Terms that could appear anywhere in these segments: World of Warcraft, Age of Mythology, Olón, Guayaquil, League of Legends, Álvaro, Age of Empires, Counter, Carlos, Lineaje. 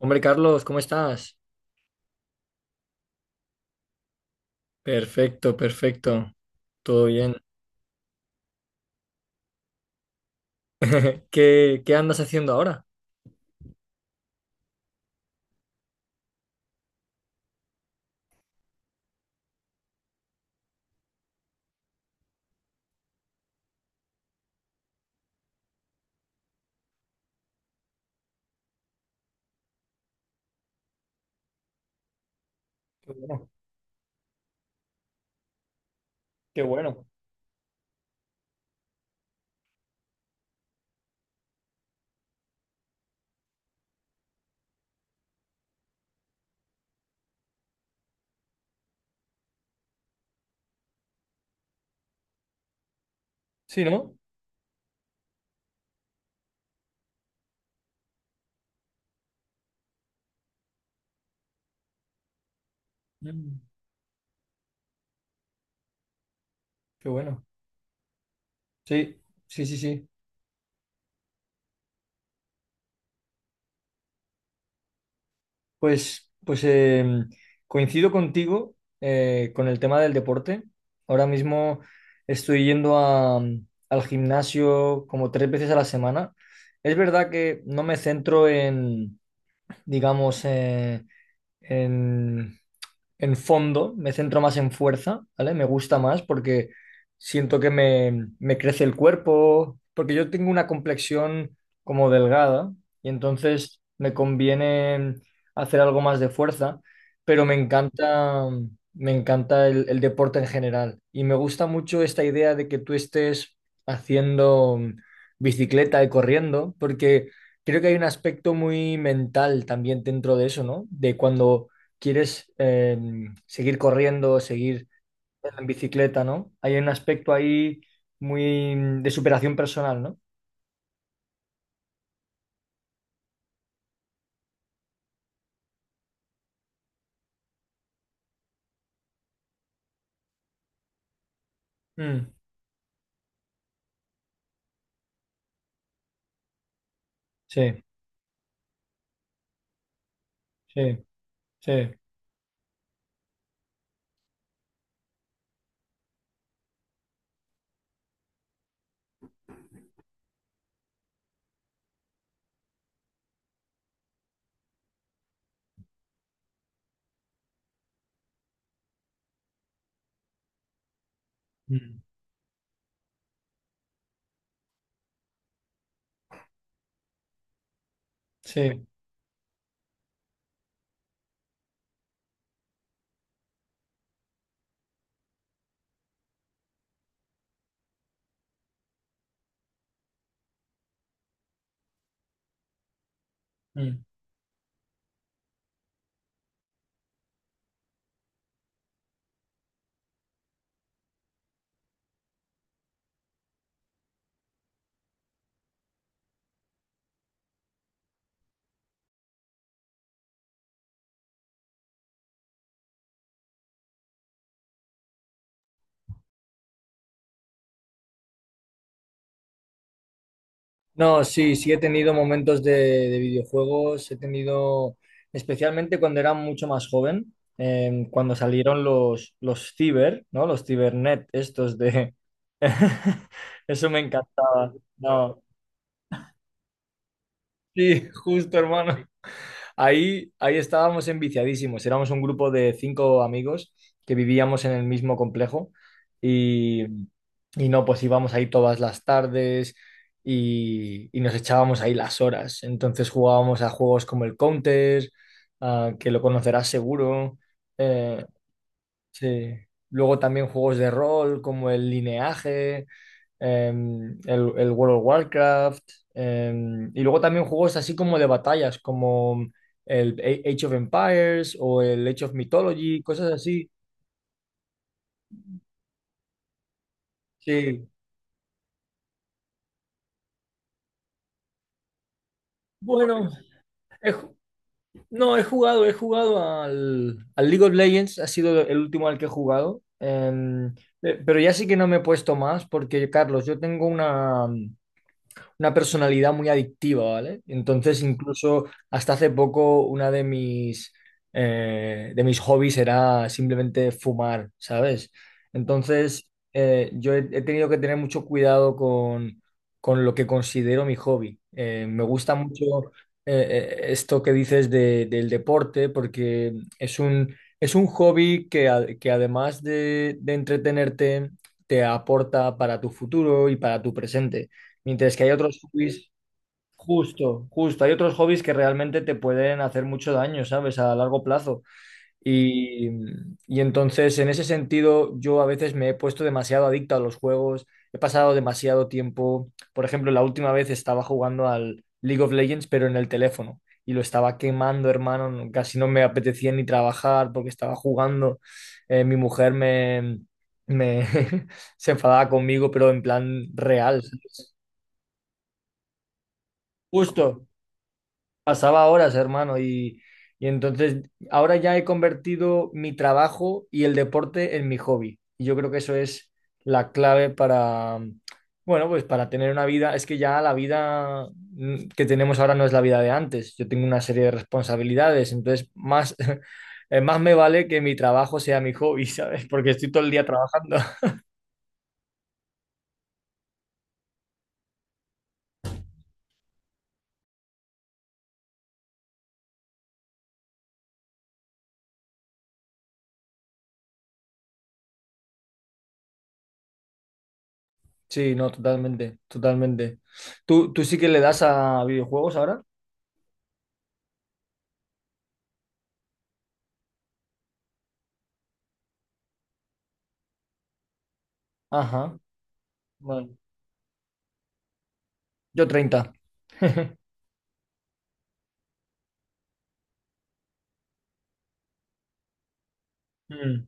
Hombre, Carlos, ¿cómo estás? Perfecto, perfecto. Todo bien. ¿Qué andas haciendo ahora? Qué bueno, qué bueno. Sí, ¿no? Mm, qué bueno. Sí, sí, sí, sí. Pues, coincido contigo, con el tema del deporte. Ahora mismo estoy yendo al gimnasio como tres veces a la semana. Es verdad que no me centro en, digamos, en en fondo, me centro más en fuerza, ¿vale? Me gusta más porque siento que me crece el cuerpo, porque yo tengo una complexión como delgada y entonces me conviene hacer algo más de fuerza, pero me encanta el deporte en general y me gusta mucho esta idea de que tú estés haciendo bicicleta y corriendo, porque creo que hay un aspecto muy mental también dentro de eso, ¿no? De cuando quieres, seguir corriendo, seguir en bicicleta, ¿no? Hay un aspecto ahí muy de superación personal, ¿no? Mm, sí, sí, sí, mm, sí. Mm. No, sí, sí he tenido momentos de videojuegos, he tenido, especialmente cuando era mucho más joven, cuando salieron los ciber, ¿no? Los cibernet, estos de… Eso me encantaba. No, sí, justo, hermano. Ahí, ahí estábamos enviciadísimos. Éramos un grupo de cinco amigos que vivíamos en el mismo complejo y, y no, pues íbamos ahí todas las tardes y nos echábamos ahí las horas. Entonces jugábamos a juegos como el Counter, ah, que lo conocerás seguro. eh, Sí. Luego también juegos de rol como el Lineaje, el World of Warcraft, y luego también juegos así como de batallas, como el Age of Empires o el Age of Mythology, cosas así. Sí. Bueno, he ju- no, he jugado al, al League of Legends, ha sido el último al que he jugado, pero ya sí que no me he puesto más porque, Carlos, yo tengo una… una personalidad muy adictiva, ¿vale? Entonces, incluso hasta hace poco, una de mis hobbies era simplemente fumar, ¿sabes? Entonces, yo he, he tenido que tener mucho cuidado con lo que considero mi hobby. Me gusta mucho, esto que dices del deporte, porque es un, es un hobby que, que además de entretenerte, te aporta para tu futuro y para tu presente. Mientras que hay otros hobbies, justo, justo, hay otros hobbies que realmente te pueden hacer mucho daño, ¿sabes? A largo plazo. Y, y entonces, en ese sentido, yo a veces me he puesto demasiado adicto a los juegos, he pasado demasiado tiempo. Por ejemplo, la última vez estaba jugando al League of Legends, pero en el teléfono. Y lo estaba quemando, hermano. Casi no me apetecía ni trabajar porque estaba jugando. Mi mujer me, me se enfadaba conmigo, pero en plan real, ¿sabes? Justo. Pasaba horas, hermano, y entonces ahora ya he convertido mi trabajo y el deporte en mi hobby. Y yo creo que eso es la clave para, bueno, pues para tener una vida. Es que ya la vida que tenemos ahora no es la vida de antes. Yo tengo una serie de responsabilidades, entonces más, más me vale que mi trabajo sea mi hobby, ¿sabes? Porque estoy todo el día trabajando. Sí, no, totalmente, totalmente. ¿Tú, tú sí que le das a videojuegos ahora? Ajá, bueno, yo 30. Mm,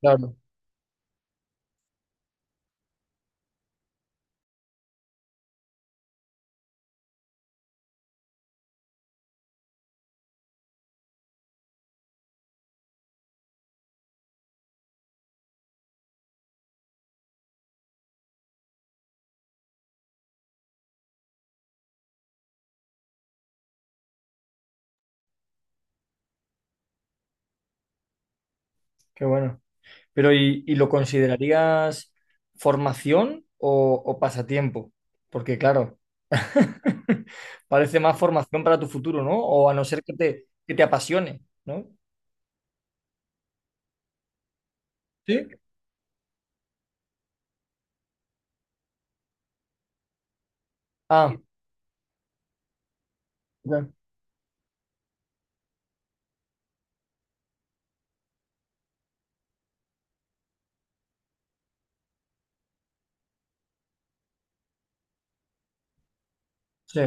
claro, qué bueno. Pero y lo considerarías formación o pasatiempo? Porque claro, parece más formación para tu futuro, ¿no? O a no ser que te apasione, ¿no? Sí, ah, ya. Sí,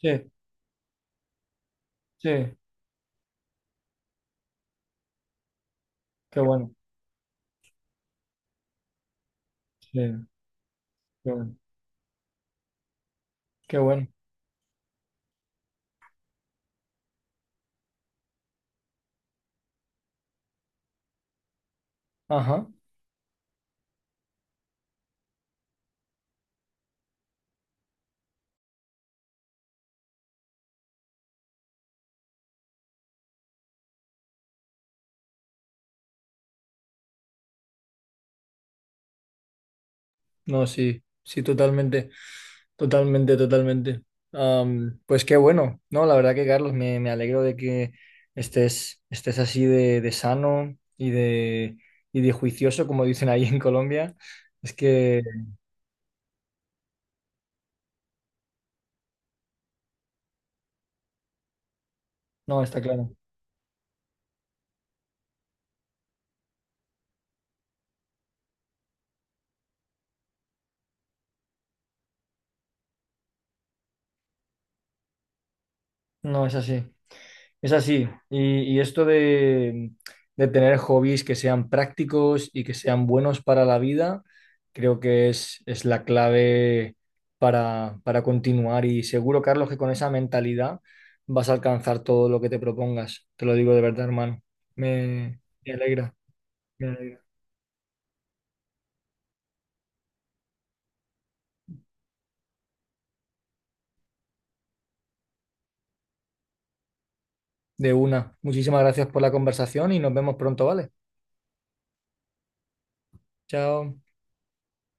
sí, sí, qué bueno, sí, qué bueno, qué bueno. Ajá, no, sí, sí, totalmente. Totalmente, totalmente. Am, pues qué bueno, ¿no? La verdad que Carlos, me alegro de que estés, estés así de sano y de juicioso, como dicen ahí en Colombia. Es que, no, está claro, no es así. Es así. Y esto de tener hobbies que sean prácticos y que sean buenos para la vida, creo que es la clave para continuar. Y seguro, Carlos, que con esa mentalidad vas a alcanzar todo lo que te propongas. Te lo digo de verdad, hermano. Me alegra, me alegra. De una. Muchísimas gracias por la conversación y nos vemos pronto, ¿vale? Chao.